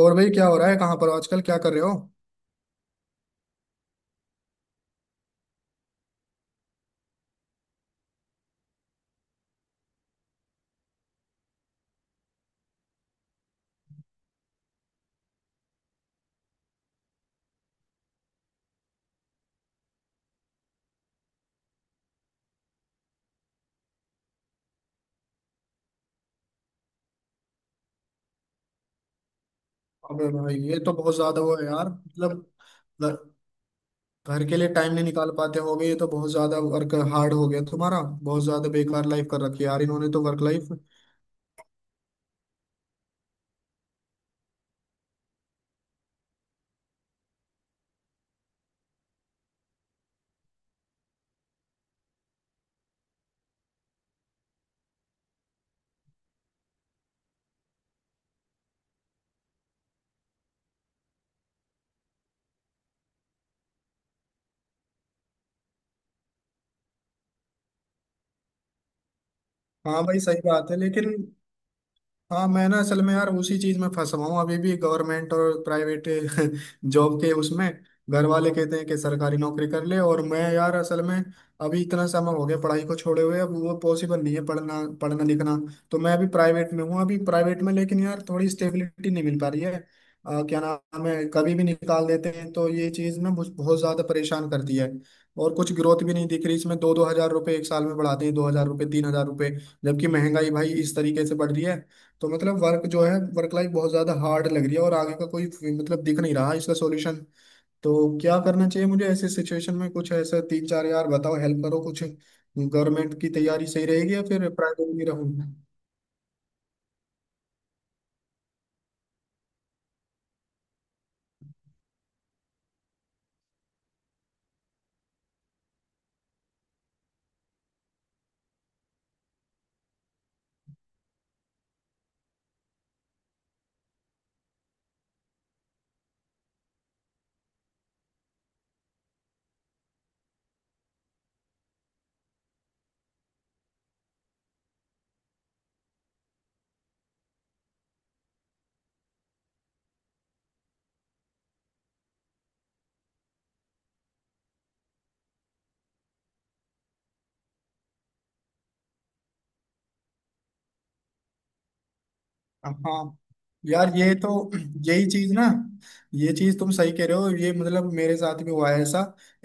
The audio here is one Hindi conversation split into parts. और भाई, क्या हो रहा है? कहाँ पर हो आजकल? क्या कर रहे हो? अबे भाई, ये तो बहुत ज्यादा वो है यार, मतलब घर, घर के लिए टाइम नहीं निकाल पाते। हो गए, ये तो बहुत ज्यादा वर्क हार्ड हो गया तुम्हारा। बहुत ज्यादा बेकार लाइफ कर रखी है यार इन्होंने, तो वर्क लाइफ। हाँ भाई, सही बात है लेकिन। हाँ, मैं ना असल में यार उसी चीज में फंसा हुआ हूँ अभी भी, गवर्नमेंट और प्राइवेट जॉब के उसमें। घर वाले कहते हैं कि सरकारी नौकरी कर ले, और मैं यार असल में अभी इतना समय हो गया पढ़ाई को छोड़े हुए, अब वो पॉसिबल नहीं है पढ़ना पढ़ना लिखना। तो मैं अभी प्राइवेट में हूँ, अभी प्राइवेट में, लेकिन यार थोड़ी स्टेबिलिटी नहीं मिल पा रही है। क्या नाम है, कभी भी निकाल देते हैं, तो ये चीज ना बहुत ज्यादा परेशान करती है। और कुछ ग्रोथ भी नहीं दिख रही इसमें, दो दो हजार रुपये एक साल में बढ़ाते हैं, 2,000 रुपये, 3,000 रुपये। जबकि महंगाई भाई इस तरीके से बढ़ रही है, तो मतलब वर्क जो है वर्क लाइफ बहुत ज्यादा हार्ड लग रही है, और आगे का कोई मतलब दिख नहीं रहा इसका सॉल्यूशन। तो क्या करना चाहिए मुझे ऐसे सिचुएशन में? कुछ ऐसा तीन चार, यार बताओ, हेल्प करो कुछ। गवर्नमेंट की तैयारी सही रहेगी, या फिर प्राइवेट में रहूँ? हाँ यार, ये तो, यही चीज ना, ये चीज तुम सही कह रहे हो, ये मतलब मेरे साथ भी हुआ है ऐसा।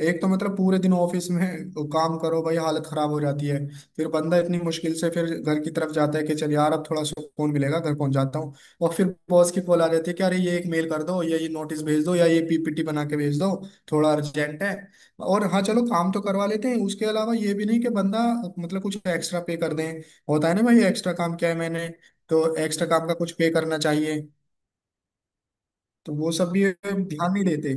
एक तो मतलब पूरे दिन ऑफिस में काम करो भाई, हालत खराब हो जाती है। फिर बंदा इतनी मुश्किल से फिर घर की तरफ जाता है कि चल यार, अब थोड़ा सुकून मिलेगा, घर पहुंच जाता हूँ। और फिर बॉस की कॉल आ जाती है कि अरे, ये एक मेल कर दो, या ये नोटिस भेज दो, या ये पीपीटी बना के भेज दो, थोड़ा अर्जेंट है। और हाँ, चलो काम तो करवा लेते हैं, उसके अलावा ये भी नहीं कि बंदा मतलब कुछ एक्स्ट्रा पे कर दें। होता है ना भाई, एक्स्ट्रा काम किया है मैंने, तो एक्स्ट्रा काम का कुछ पे करना चाहिए, तो वो सब भी ध्यान नहीं देते।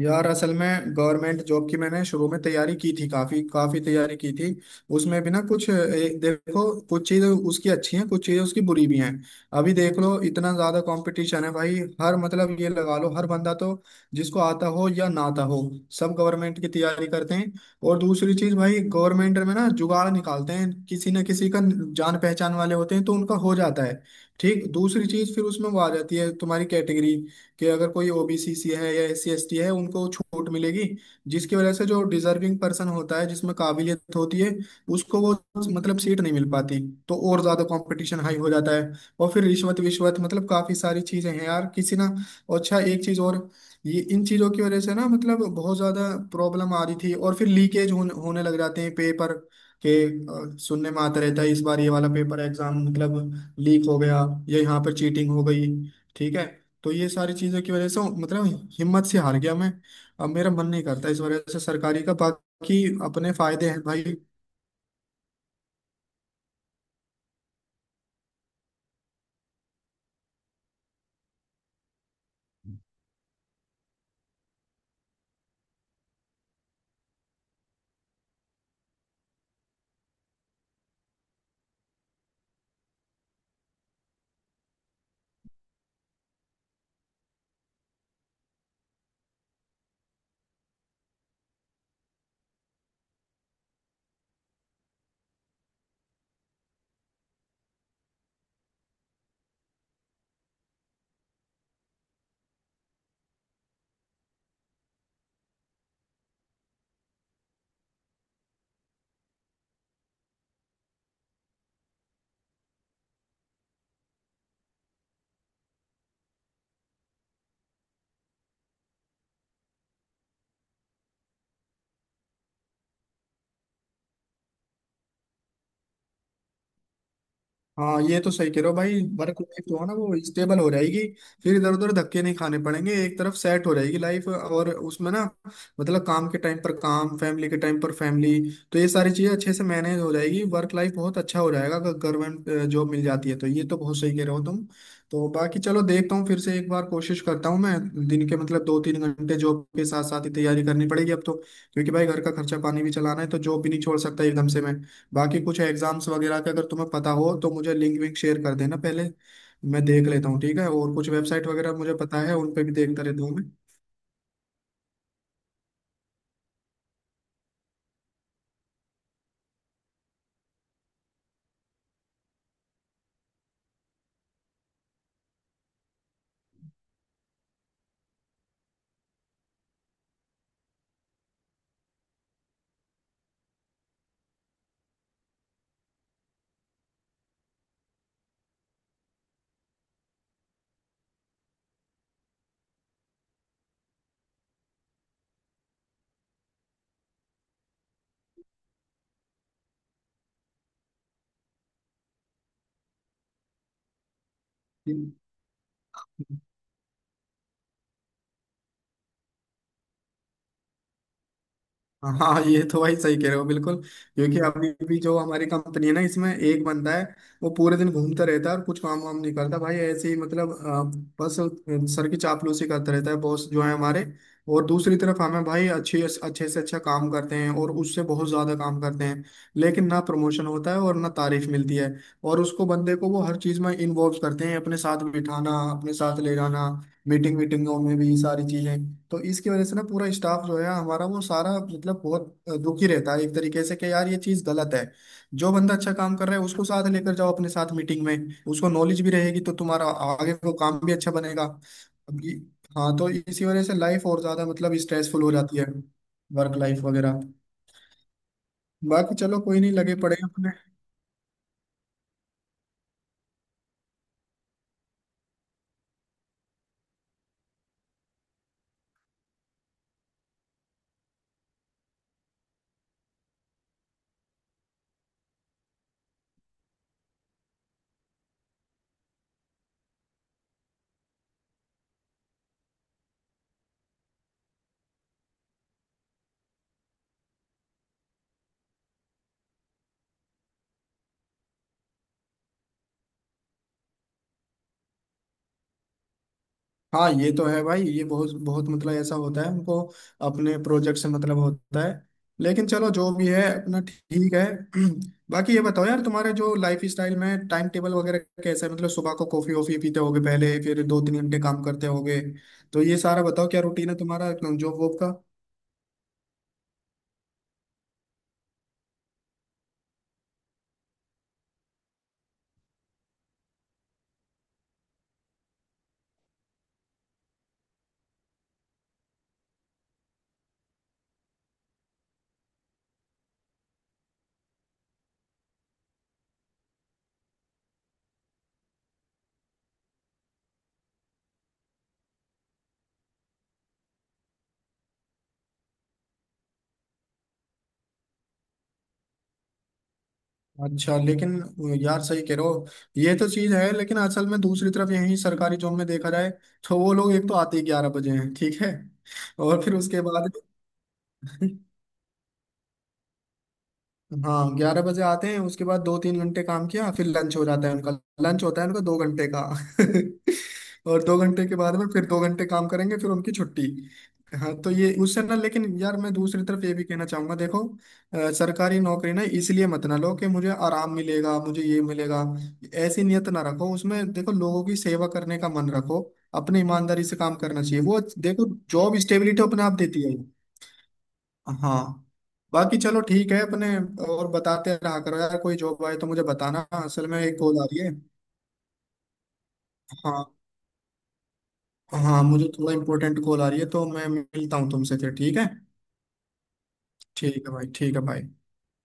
यार असल में गवर्नमेंट जॉब की मैंने शुरू में तैयारी की थी, काफी काफी तैयारी की थी। उसमें भी ना कुछ, देखो, कुछ चीजें उसकी अच्छी हैं, कुछ चीजें उसकी बुरी भी हैं। अभी देख लो, इतना ज्यादा कंपटीशन है भाई। हर मतलब ये लगा लो, हर बंदा तो, जिसको आता हो या ना आता हो, सब गवर्नमेंट की तैयारी करते हैं। और दूसरी चीज भाई, गवर्नमेंट में ना जुगाड़ निकालते हैं, किसी ना किसी का जान पहचान वाले होते हैं तो उनका हो जाता है ठीक। दूसरी चीज फिर उसमें वो आ जाती है तुम्हारी कैटेगरी, कि अगर कोई ओबीसी सी है या एस सी एस टी है, उनको छूट मिलेगी। जिसकी वजह से जो डिजर्विंग पर्सन होता है, जिसमें काबिलियत होती है, उसको वो मतलब सीट नहीं मिल पाती, तो और ज्यादा कंपटीशन हाई हो जाता है। और फिर रिश्वत विश्वत मतलब काफी सारी चीजें हैं यार, किसी ना। अच्छा, एक चीज और, ये इन चीजों की वजह से ना मतलब बहुत ज्यादा प्रॉब्लम आ रही थी, और फिर लीकेज होने होने लग जाते हैं पेपर के। सुनने में आता रहता है, इस बार ये वाला पेपर एग्जाम मतलब लीक हो गया, या यहाँ पर चीटिंग हो गई, ठीक है। तो ये सारी चीजों की वजह से मतलब हिम्मत से हार गया मैं। अब मेरा मन नहीं करता इस वजह से सरकारी का, बाकी अपने फायदे हैं भाई। हाँ, ये तो सही कह रहे हो भाई, वर्क लाइफ जो है ना वो स्टेबल हो जाएगी। फिर इधर उधर धक्के नहीं खाने पड़ेंगे, एक तरफ सेट हो जाएगी लाइफ, और उसमें ना मतलब काम के टाइम पर काम, फैमिली के टाइम पर फैमिली। तो ये सारी चीजें अच्छे से मैनेज हो जाएगी, वर्क लाइफ बहुत अच्छा हो जाएगा अगर गवर्नमेंट जॉब मिल जाती है, तो ये तो बहुत सही कह रहे हो तुम। तो बाकी चलो, देखता हूँ फिर से एक बार कोशिश करता हूँ मैं। दिन के मतलब 2-3 घंटे जॉब के साथ साथ ही तैयारी करनी पड़ेगी अब तो, क्योंकि भाई घर का खर्चा पानी भी चलाना है, तो जॉब भी नहीं छोड़ सकता एकदम से मैं। बाकी कुछ एग्जाम्स वगैरह के अगर तुम्हें पता हो, तो मुझे लिंक विंक शेयर कर देना पहले, मैं देख लेता हूँ ठीक है। और कुछ वेबसाइट वगैरह मुझे पता है, उन पे भी देखता रहता हूँ मैं। हाँ, ये तो भाई सही कह रहे हो बिल्कुल। क्योंकि अभी भी जो हमारी कंपनी है ना, इसमें एक बंदा है, वो पूरे दिन घूमता रहता है और कुछ काम वाम नहीं करता भाई, ऐसे ही मतलब बस सर की चापलूसी करता रहता है बॉस जो है हमारे। और दूसरी तरफ हमें भाई, अच्छे अच्छे से अच्छा काम करते हैं और उससे बहुत ज्यादा काम करते हैं, लेकिन ना प्रमोशन होता है और ना तारीफ मिलती है। और उसको बंदे को वो हर चीज में इन्वॉल्व करते हैं, अपने साथ बिठाना, अपने साथ ले जाना, मीटिंग मीटिंगों में भी सारी चीजें। तो इसकी वजह से ना पूरा स्टाफ जो है हमारा वो सारा मतलब बहुत दुखी रहता है एक तरीके से, कि यार ये चीज गलत है। जो बंदा अच्छा काम कर रहा है, उसको साथ लेकर जाओ अपने साथ मीटिंग में, उसको नॉलेज भी रहेगी, तो तुम्हारा आगे को काम भी अच्छा बनेगा। अब ये- हाँ, तो इसी वजह से लाइफ और ज्यादा मतलब स्ट्रेसफुल हो जाती है, वर्क लाइफ वगैरह। बाकी चलो, कोई नहीं, लगे पड़े हैं अपने। हाँ ये तो है भाई, ये बहुत बहुत मतलब ऐसा होता है, उनको अपने प्रोजेक्ट से मतलब होता है। लेकिन चलो जो भी है अपना, ठीक है। बाकी ये बताओ यार, तुम्हारे जो लाइफ स्टाइल में टाइम टेबल वगैरह कैसा है? मतलब सुबह को कॉफी वॉफी पीते होगे पहले, फिर 2-3 घंटे काम करते होगे, तो ये सारा बताओ, क्या रूटीन है तुम्हारा जॉब वॉब का? अच्छा, लेकिन यार सही कह रहे हो। ये तो चीज है लेकिन असल में दूसरी तरफ यही सरकारी जॉब में देखा जाए, तो वो लोग एक तो आते ही 11 बजे हैं, ठीक है। और फिर उसके बाद हाँ, 11 बजे आते हैं, उसके बाद 2-3 घंटे काम किया, फिर लंच हो जाता है उनका। लंच होता है उनका 2 घंटे का और 2 घंटे के बाद में फिर 2 घंटे काम करेंगे, फिर उनकी छुट्टी। हाँ, तो ये उससे ना, लेकिन यार मैं दूसरी तरफ ये भी कहना चाहूंगा, देखो, सरकारी नौकरी ना इसलिए मत ना लो कि मुझे आराम मिलेगा, मुझे ये मिलेगा। ऐसी नियत ना रखो उसमें, देखो लोगों की सेवा करने का मन रखो। अपने ईमानदारी से काम करना चाहिए, वो देखो, जॉब स्टेबिलिटी अपने आप देती है। हाँ, बाकी चलो ठीक है अपने। और बताते रहा करो यार, कोई जॉब आए तो मुझे बताना, असल में एक कॉल आ रही है। हाँ, हाँ मुझे थोड़ा इम्पोर्टेंट कॉल आ रही है, तो मैं मिलता हूँ तुमसे फिर, ठीक है। ठीक है भाई, ठीक है भाई।